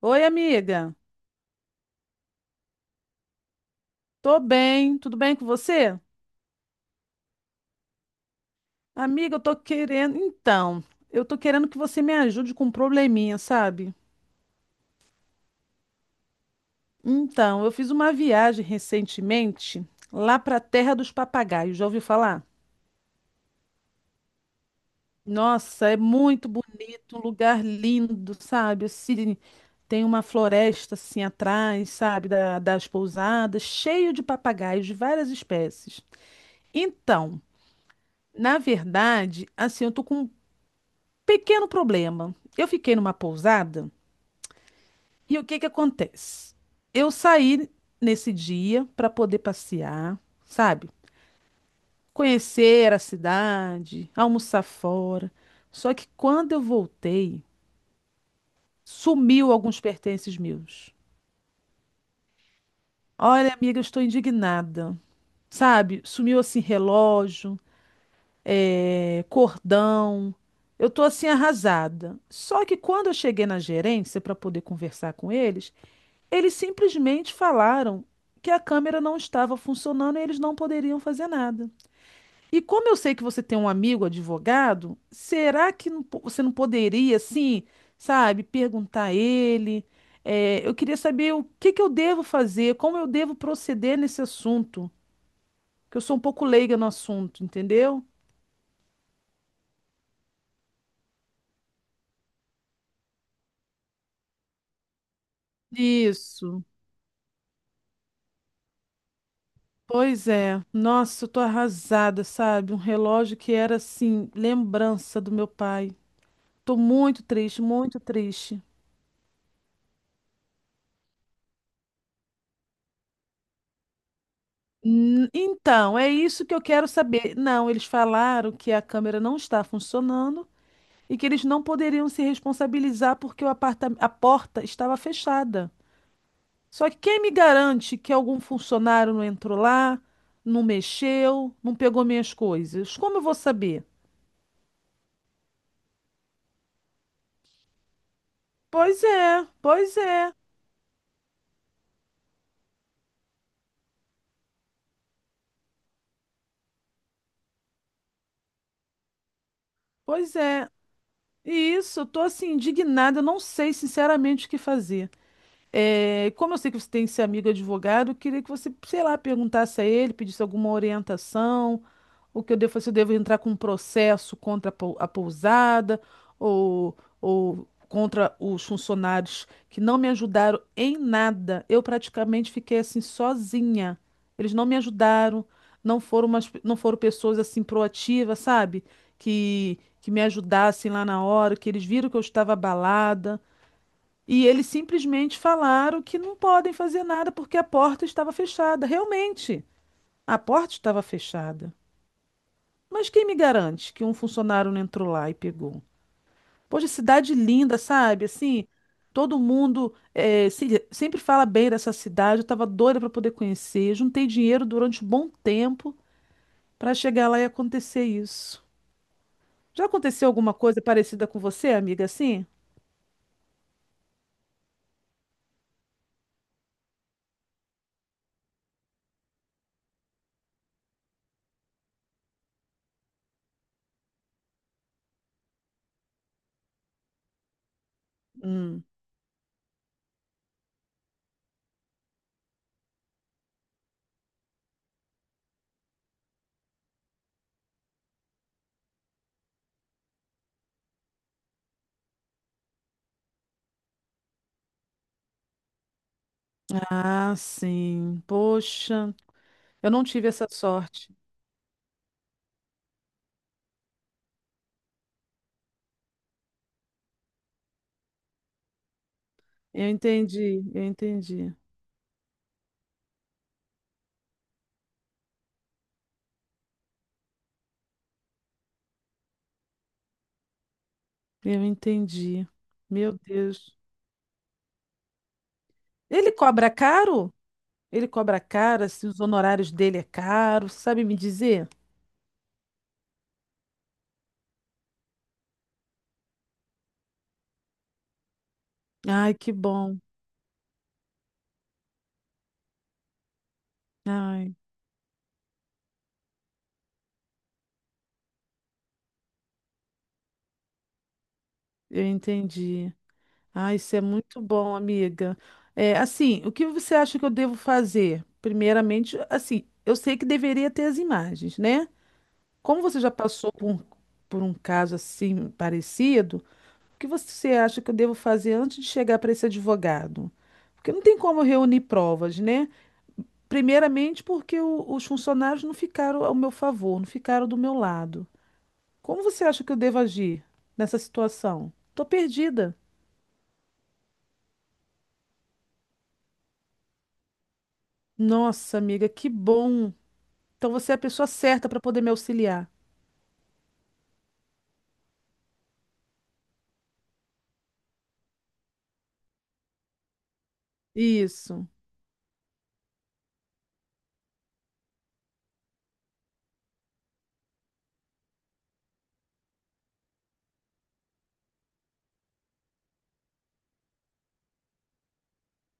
Oi, amiga. Tô bem, tudo bem com você? Amiga, eu tô querendo. Eu tô querendo que você me ajude com um probleminha, sabe? Então, eu fiz uma viagem recentemente lá pra Terra dos Papagaios. Já ouviu falar? Nossa, é muito bonito, um lugar lindo, sabe? Assim, tem uma floresta assim atrás, sabe? Das pousadas, cheio de papagaios de várias espécies. Então, na verdade, assim, eu tô com um pequeno problema. Eu fiquei numa pousada e o que que acontece? Eu saí nesse dia para poder passear, sabe? Conhecer a cidade, almoçar fora. Só que quando eu voltei, sumiu alguns pertences meus. Olha, amiga, eu estou indignada. Sabe? Sumiu assim relógio, cordão. Eu tô assim arrasada. Só que quando eu cheguei na gerência para poder conversar com eles, eles simplesmente falaram que a câmera não estava funcionando e eles não poderiam fazer nada. E como eu sei que você tem um amigo advogado, será que você não poderia, assim, sabe, perguntar a ele? É, eu queria saber o que que eu devo fazer, como eu devo proceder nesse assunto, que eu sou um pouco leiga no assunto, entendeu? Isso. Pois é. Nossa, eu tô arrasada, sabe? Um relógio que era, assim, lembrança do meu pai. Tô muito triste, muito triste. Então, é isso que eu quero saber. Não, eles falaram que a câmera não está funcionando e que eles não poderiam se responsabilizar porque o aparta a porta estava fechada. Só que quem me garante que algum funcionário não entrou lá, não mexeu, não pegou minhas coisas? Como eu vou saber? Pois é, pois é, pois é. E isso, eu tô assim indignada, eu não sei sinceramente o que fazer. É, como eu sei que você tem esse amigo advogado, eu queria que você, sei lá, perguntasse a ele, pedisse alguma orientação, o que eu devo fazer, se eu devo entrar com um processo contra a pousada ou contra os funcionários que não me ajudaram em nada. Eu praticamente fiquei assim sozinha. Eles não me ajudaram, não foram pessoas assim proativas, sabe? Que me ajudassem lá na hora, que eles viram que eu estava abalada. E eles simplesmente falaram que não podem fazer nada porque a porta estava fechada. Realmente, a porta estava fechada. Mas quem me garante que um funcionário não entrou lá e pegou? Poxa, cidade linda, sabe? Assim, todo mundo sempre fala bem dessa cidade. Eu estava doida para poder conhecer. Juntei dinheiro durante um bom tempo para chegar lá e acontecer isso. Já aconteceu alguma coisa parecida com você, amiga, assim? Hum. Ah, sim. Poxa, eu não tive essa sorte. Eu entendi, eu entendi, eu entendi. Meu Deus. Ele cobra caro? Ele cobra caro, se os honorários dele é caro, sabe me dizer? Ai, que bom. Ai, eu entendi. Ai, isso é muito bom, amiga. É, assim, o que você acha que eu devo fazer? Primeiramente, assim, eu sei que deveria ter as imagens, né? Como você já passou por um caso assim parecido, o que você acha que eu devo fazer antes de chegar para esse advogado? Porque não tem como eu reunir provas, né? Primeiramente, porque os funcionários não ficaram ao meu favor, não ficaram do meu lado. Como você acha que eu devo agir nessa situação? Tô perdida. Nossa, amiga, que bom. Então você é a pessoa certa para poder me auxiliar. Isso.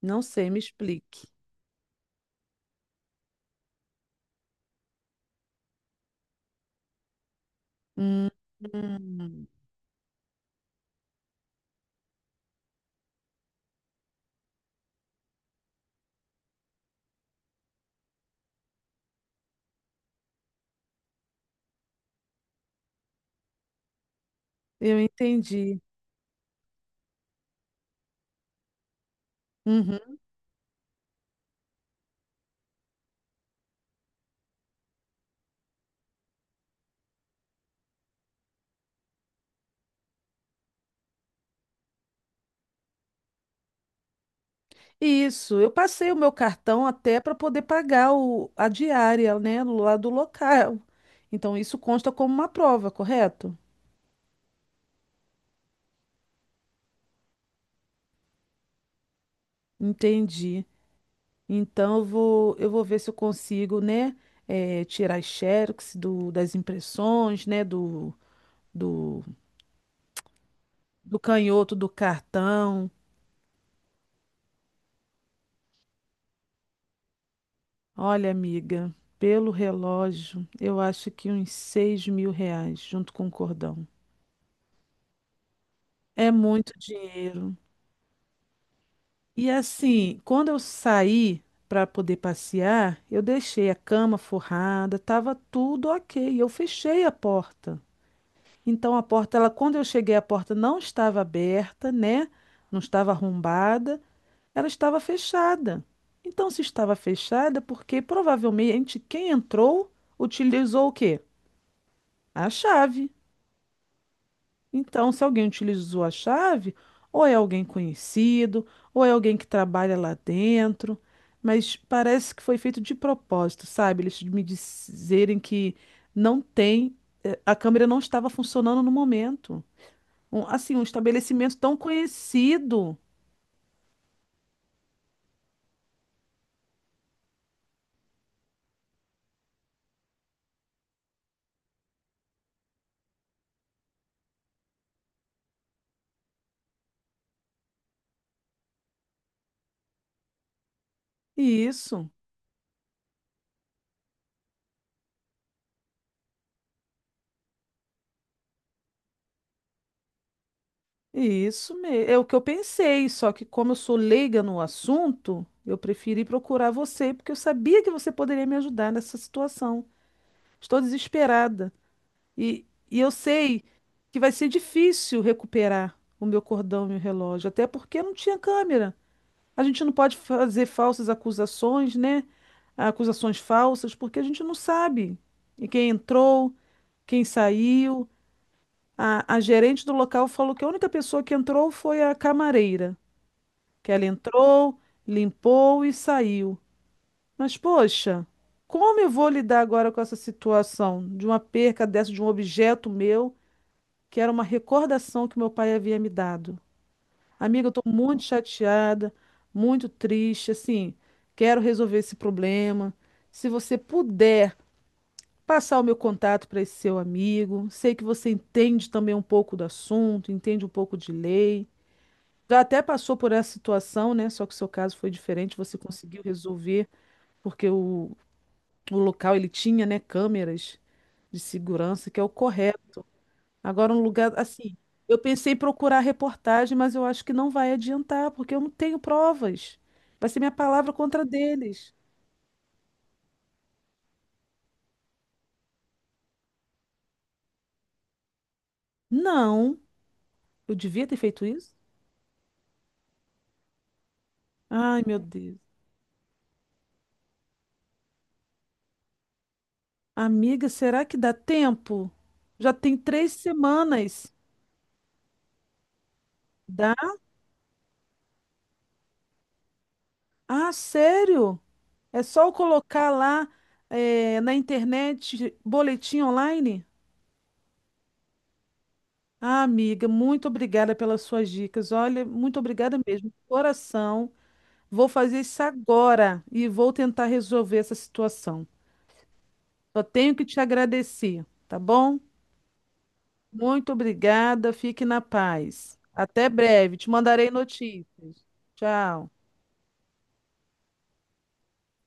Não sei, me explique. Hum, hum, eu entendi. Uhum. Isso, eu passei o meu cartão até para poder pagar a diária, né, lá do local. Então isso consta como uma prova, correto? Entendi. Então eu vou ver se eu consigo, né, tirar as xerox das impressões, né, do, do canhoto do cartão. Olha, amiga, pelo relógio, eu acho que uns R$ 6.000 junto com o cordão. É muito dinheiro. E assim, quando eu saí para poder passear, eu deixei a cama forrada, estava tudo ok. Eu fechei a porta. Então a porta, ela, quando eu cheguei, a porta não estava aberta, né? Não estava arrombada, ela estava fechada. Então se estava fechada, porque provavelmente quem entrou utilizou o quê? A chave. Então, se alguém utilizou a chave, ou é alguém conhecido, ou é alguém que trabalha lá dentro, mas parece que foi feito de propósito, sabe? Eles me dizerem que não tem, a câmera não estava funcionando no momento. Assim, um estabelecimento tão conhecido. Isso, isso mesmo. É o que eu pensei, só que como eu sou leiga no assunto, eu preferi procurar você, porque eu sabia que você poderia me ajudar nessa situação. Estou desesperada. E eu sei que vai ser difícil recuperar o meu cordão e o relógio, até porque não tinha câmera. A gente não pode fazer falsas acusações, né? Acusações falsas, porque a gente não sabe. E quem entrou, quem saiu. A gerente do local falou que a única pessoa que entrou foi a camareira, que ela entrou, limpou e saiu. Mas, poxa, como eu vou lidar agora com essa situação de uma perca dessa, de um objeto meu? Que era uma recordação que meu pai havia me dado. Amiga, eu estou muito chateada, muito triste, assim, quero resolver esse problema. Se você puder passar o meu contato para esse seu amigo, sei que você entende também um pouco do assunto, entende um pouco de lei. Já até passou por essa situação, né? Só que o seu caso foi diferente, você conseguiu resolver, porque o local ele tinha, né, câmeras de segurança, que é o correto. Agora, um lugar assim. Eu pensei em procurar reportagem, mas eu acho que não vai adiantar, porque eu não tenho provas. Vai ser minha palavra contra a deles. Não, eu devia ter feito isso. Ai, meu Deus. Amiga, será que dá tempo? Já tem 3 semanas. Dá? Ah, sério? É só eu colocar lá, na internet, boletim online? Ah, amiga, muito obrigada pelas suas dicas. Olha, muito obrigada mesmo. Coração. Vou fazer isso agora e vou tentar resolver essa situação. Só tenho que te agradecer, tá bom? Muito obrigada, fique na paz. Até breve, te mandarei notícias. Tchau.